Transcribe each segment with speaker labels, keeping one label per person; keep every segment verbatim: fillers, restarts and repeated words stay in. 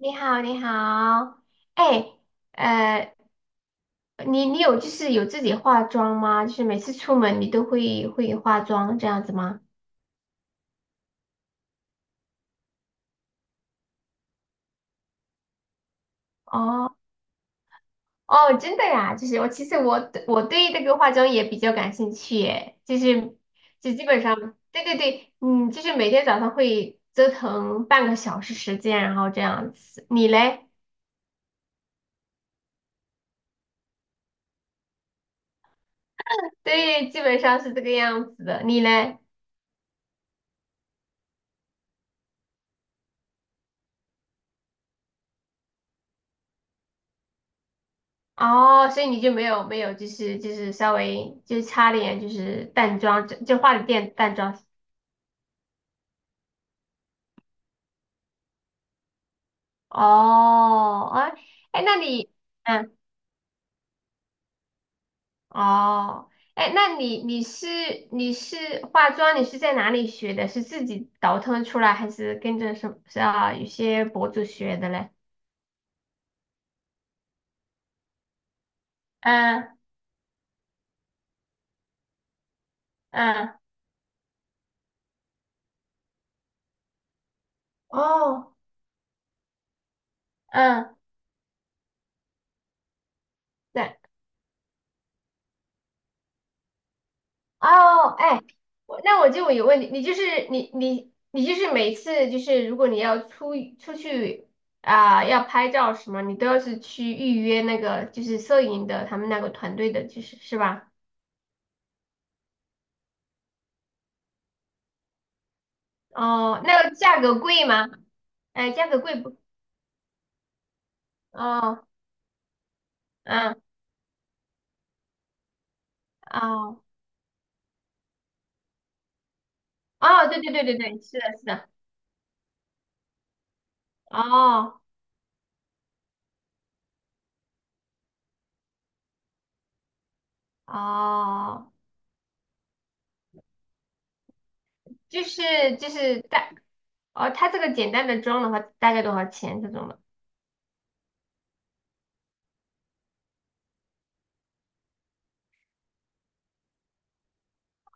Speaker 1: 你好，你好，哎，呃，你你有就是有自己化妆吗？就是每次出门你都会会化妆这样子吗？哦哦，真的呀，就是我其实我对我对这个化妆也比较感兴趣耶，就是就基本上对对对，嗯，就是每天早上会折腾半个小时时间，然后这样子。你嘞？对，基本上是这个样子的。你嘞？哦，所以你就没有没有，就是就是稍微就是擦点就是淡妆，就就化了点淡妆。哦，哎哎，那你嗯，哦，哎，那你你是你是化妆，你是在哪里学的？是自己倒腾出来，还是跟着什么是啊？有些博主学的嘞？嗯嗯，哦，嗯，对，哦，哎，我那我就有问题，你就是你你你就是每次，就是如果你要出出去啊、要拍照什么，你都要是去预约那个就是摄影的他们那个团队的，就是是吧？哦，那个价格贵吗？哎，价格贵不？哦，嗯，哦，哦，对对对对对，是的，是的，哦哦，就是就是大哦，它这个简单的妆的话大概多少钱这种的？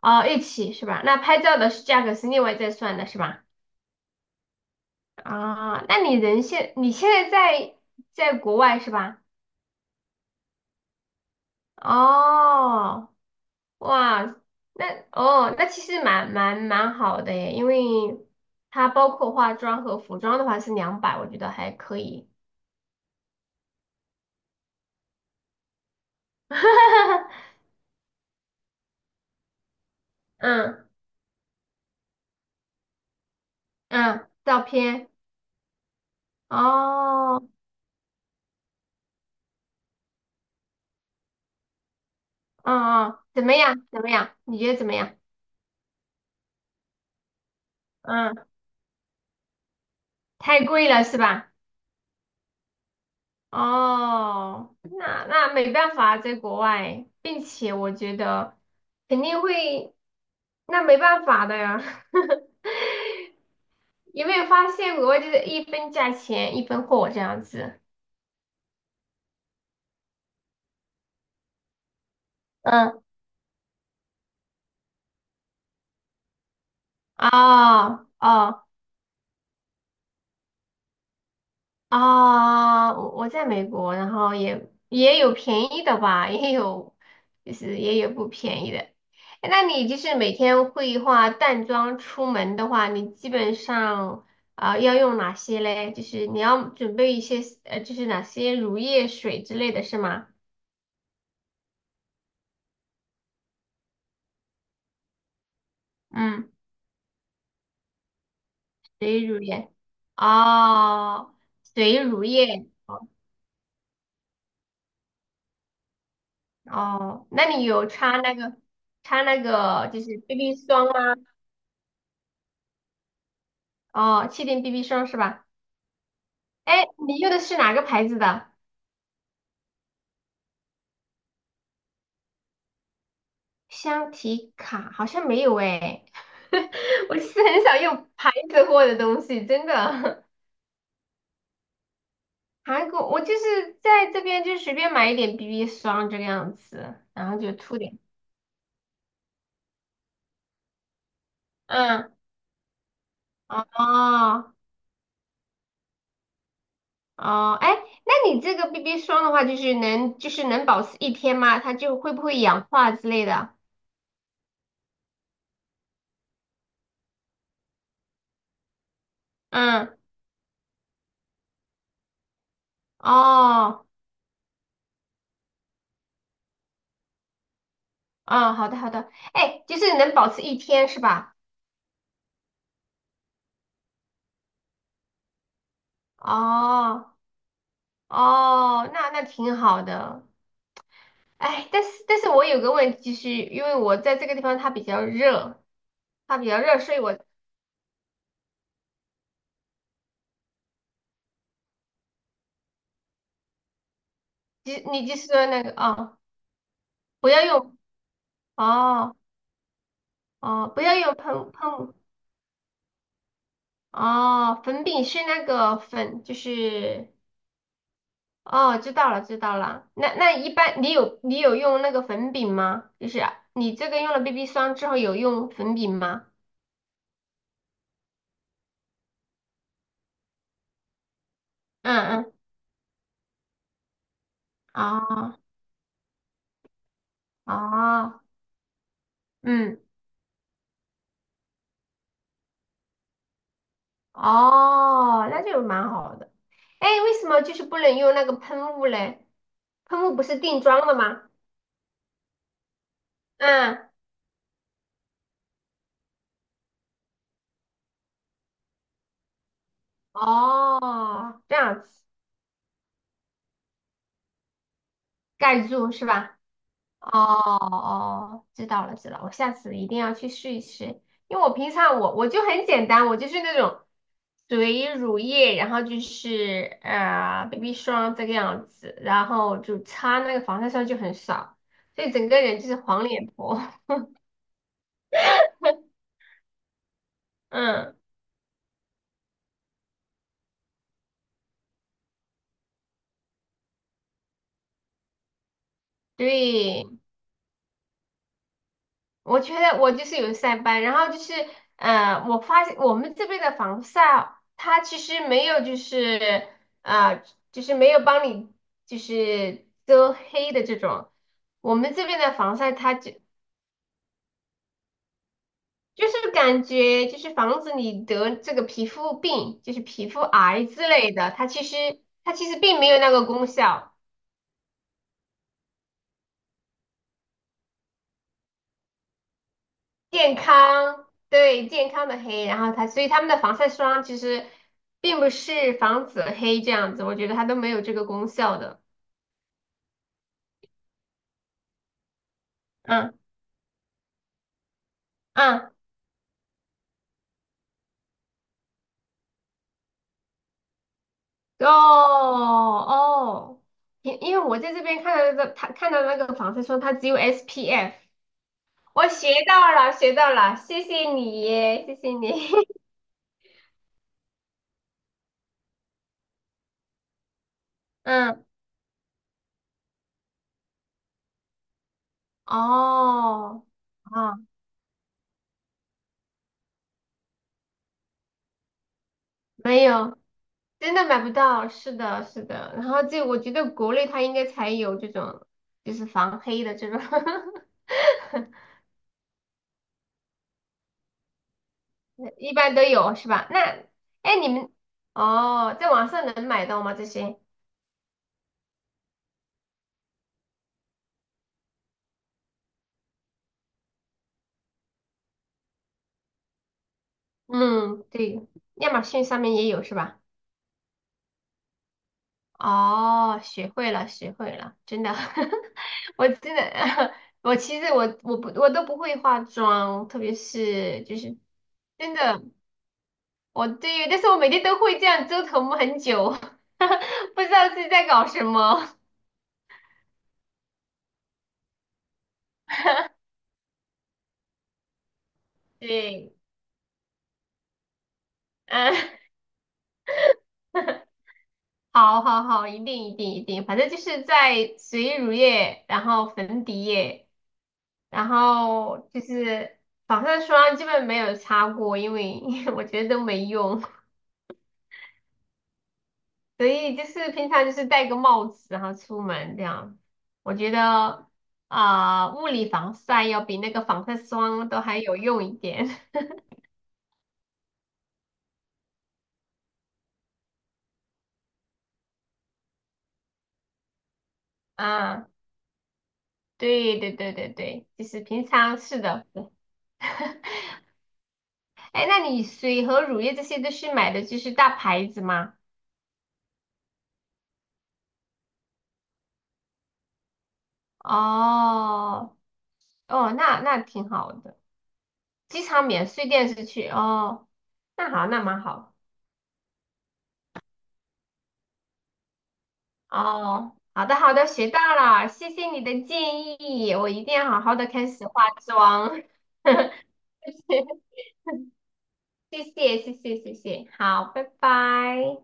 Speaker 1: 哦，一起是吧？那拍照的是价格是另外再算的是吧？啊，那你人现你现在在在国外是吧？哦，哇，那哦，那其实蛮蛮蛮好的耶，因为它包括化妆和服装的话是两百，我觉得还可以。嗯嗯，照片哦，嗯嗯，怎么样？怎么样？你觉得怎么样？嗯，太贵了是吧？哦，那那没办法啊，在国外，并且我觉得肯定会，那没办法的呀。有没有发现国外就是一分价钱一分货这样子？嗯，哦哦，啊，我我在美国，然后也也有便宜的吧，也有就是也有不便宜的。诶那你就是每天会化淡妆出门的话，你基本上啊、要用哪些嘞？就是你要准备一些呃，就是哪些乳液水之类的是吗？嗯，水乳液。哦，水乳液。哦，哦那你有擦那个擦那个就是 B B 霜吗？哦，气垫 B B 霜是吧？哎，你用的是哪个牌子的香缇卡？好像没有哎，我是很少用牌子货的东西，真的。韩国，我就是在这边就随便买一点 B B 霜这个样子，然后就涂点。嗯，哦哦，哎，那你这个 B B 霜的话，就是能就是能保持一天吗？它就会不会氧化之类的？嗯，哦，哦，好的好的，哎，就是能保持一天是吧？哦。哦，那那挺好的。哎，但是但是我有个问题，就是因为我在这个地方它比较热，它比较热，所以我即你就是说那个哦，不要用哦哦，不要用喷喷哦，粉饼是那个粉，就是哦，知道了知道了。那那一般你有你有用那个粉饼吗？就是啊你这个用了 B B 霜之后有用粉饼吗？嗯嗯，哦哦，嗯。哦，那就蛮好的。哎，为什么就是不能用那个喷雾嘞？喷雾不是定妆的吗？嗯，哦，这样子盖住是吧？哦哦，知道了知道了，我下次一定要去试一试，因为我平常我我就很简单，我就是那种水乳液，然后就是呃 B B 霜这个样子，然后就擦那个防晒霜就很少，所以整个人就是黄脸婆。嗯，对。我觉得我就是有晒斑，然后就是，呃，我发现我们这边的防晒，它其实没有就是，呃，就是没有帮你就是遮黑的这种，我们这边的防晒它就就是感觉就是防止你得这个皮肤病，就是皮肤癌之类的，它其实它其实并没有那个功效。健康，对，健康的黑，然后它，所以他们的防晒霜其实并不是防止黑这样子，我觉得它都没有这个功效的。嗯嗯，哦哦，因因为我在这边看到的，他看到那个防晒霜，它只有 S P F，我学到了，学到了，谢谢你，谢谢你。嗯，哦，啊，没有。真的买不到，是的，是的。然后这我觉得国内它应该才有这种，就是防黑的这种，一般都有是吧？那，哎，你们哦，在网上能买到吗？这些？嗯，对，亚马逊上面也有是吧？哦，学会了，学会了，真的，我真的，我其实我我不我都不会化妆，特别是就是真的。我对，但是我每天都会这样折腾很久，不知道自己在搞什么。对，嗯，好好好，一定一定一定，反正就是在水乳液，然后粉底液，然后就是防晒霜基本没有擦过，因为 我觉得都没用，所以就是平常就是戴个帽子，然后出门这样。我觉得啊、物理防晒要比那个防晒霜都还有用一点 啊。对对对对对，就是平常是的。哎，那你水和乳液这些都是买的就是大牌子吗？哦哦，那那挺好的，机场免税店是去哦，那好，那蛮好。哦，好的好的，学到了，谢谢你的建议，我一定要好好的开始化妆。谢谢谢谢谢谢，好，拜拜。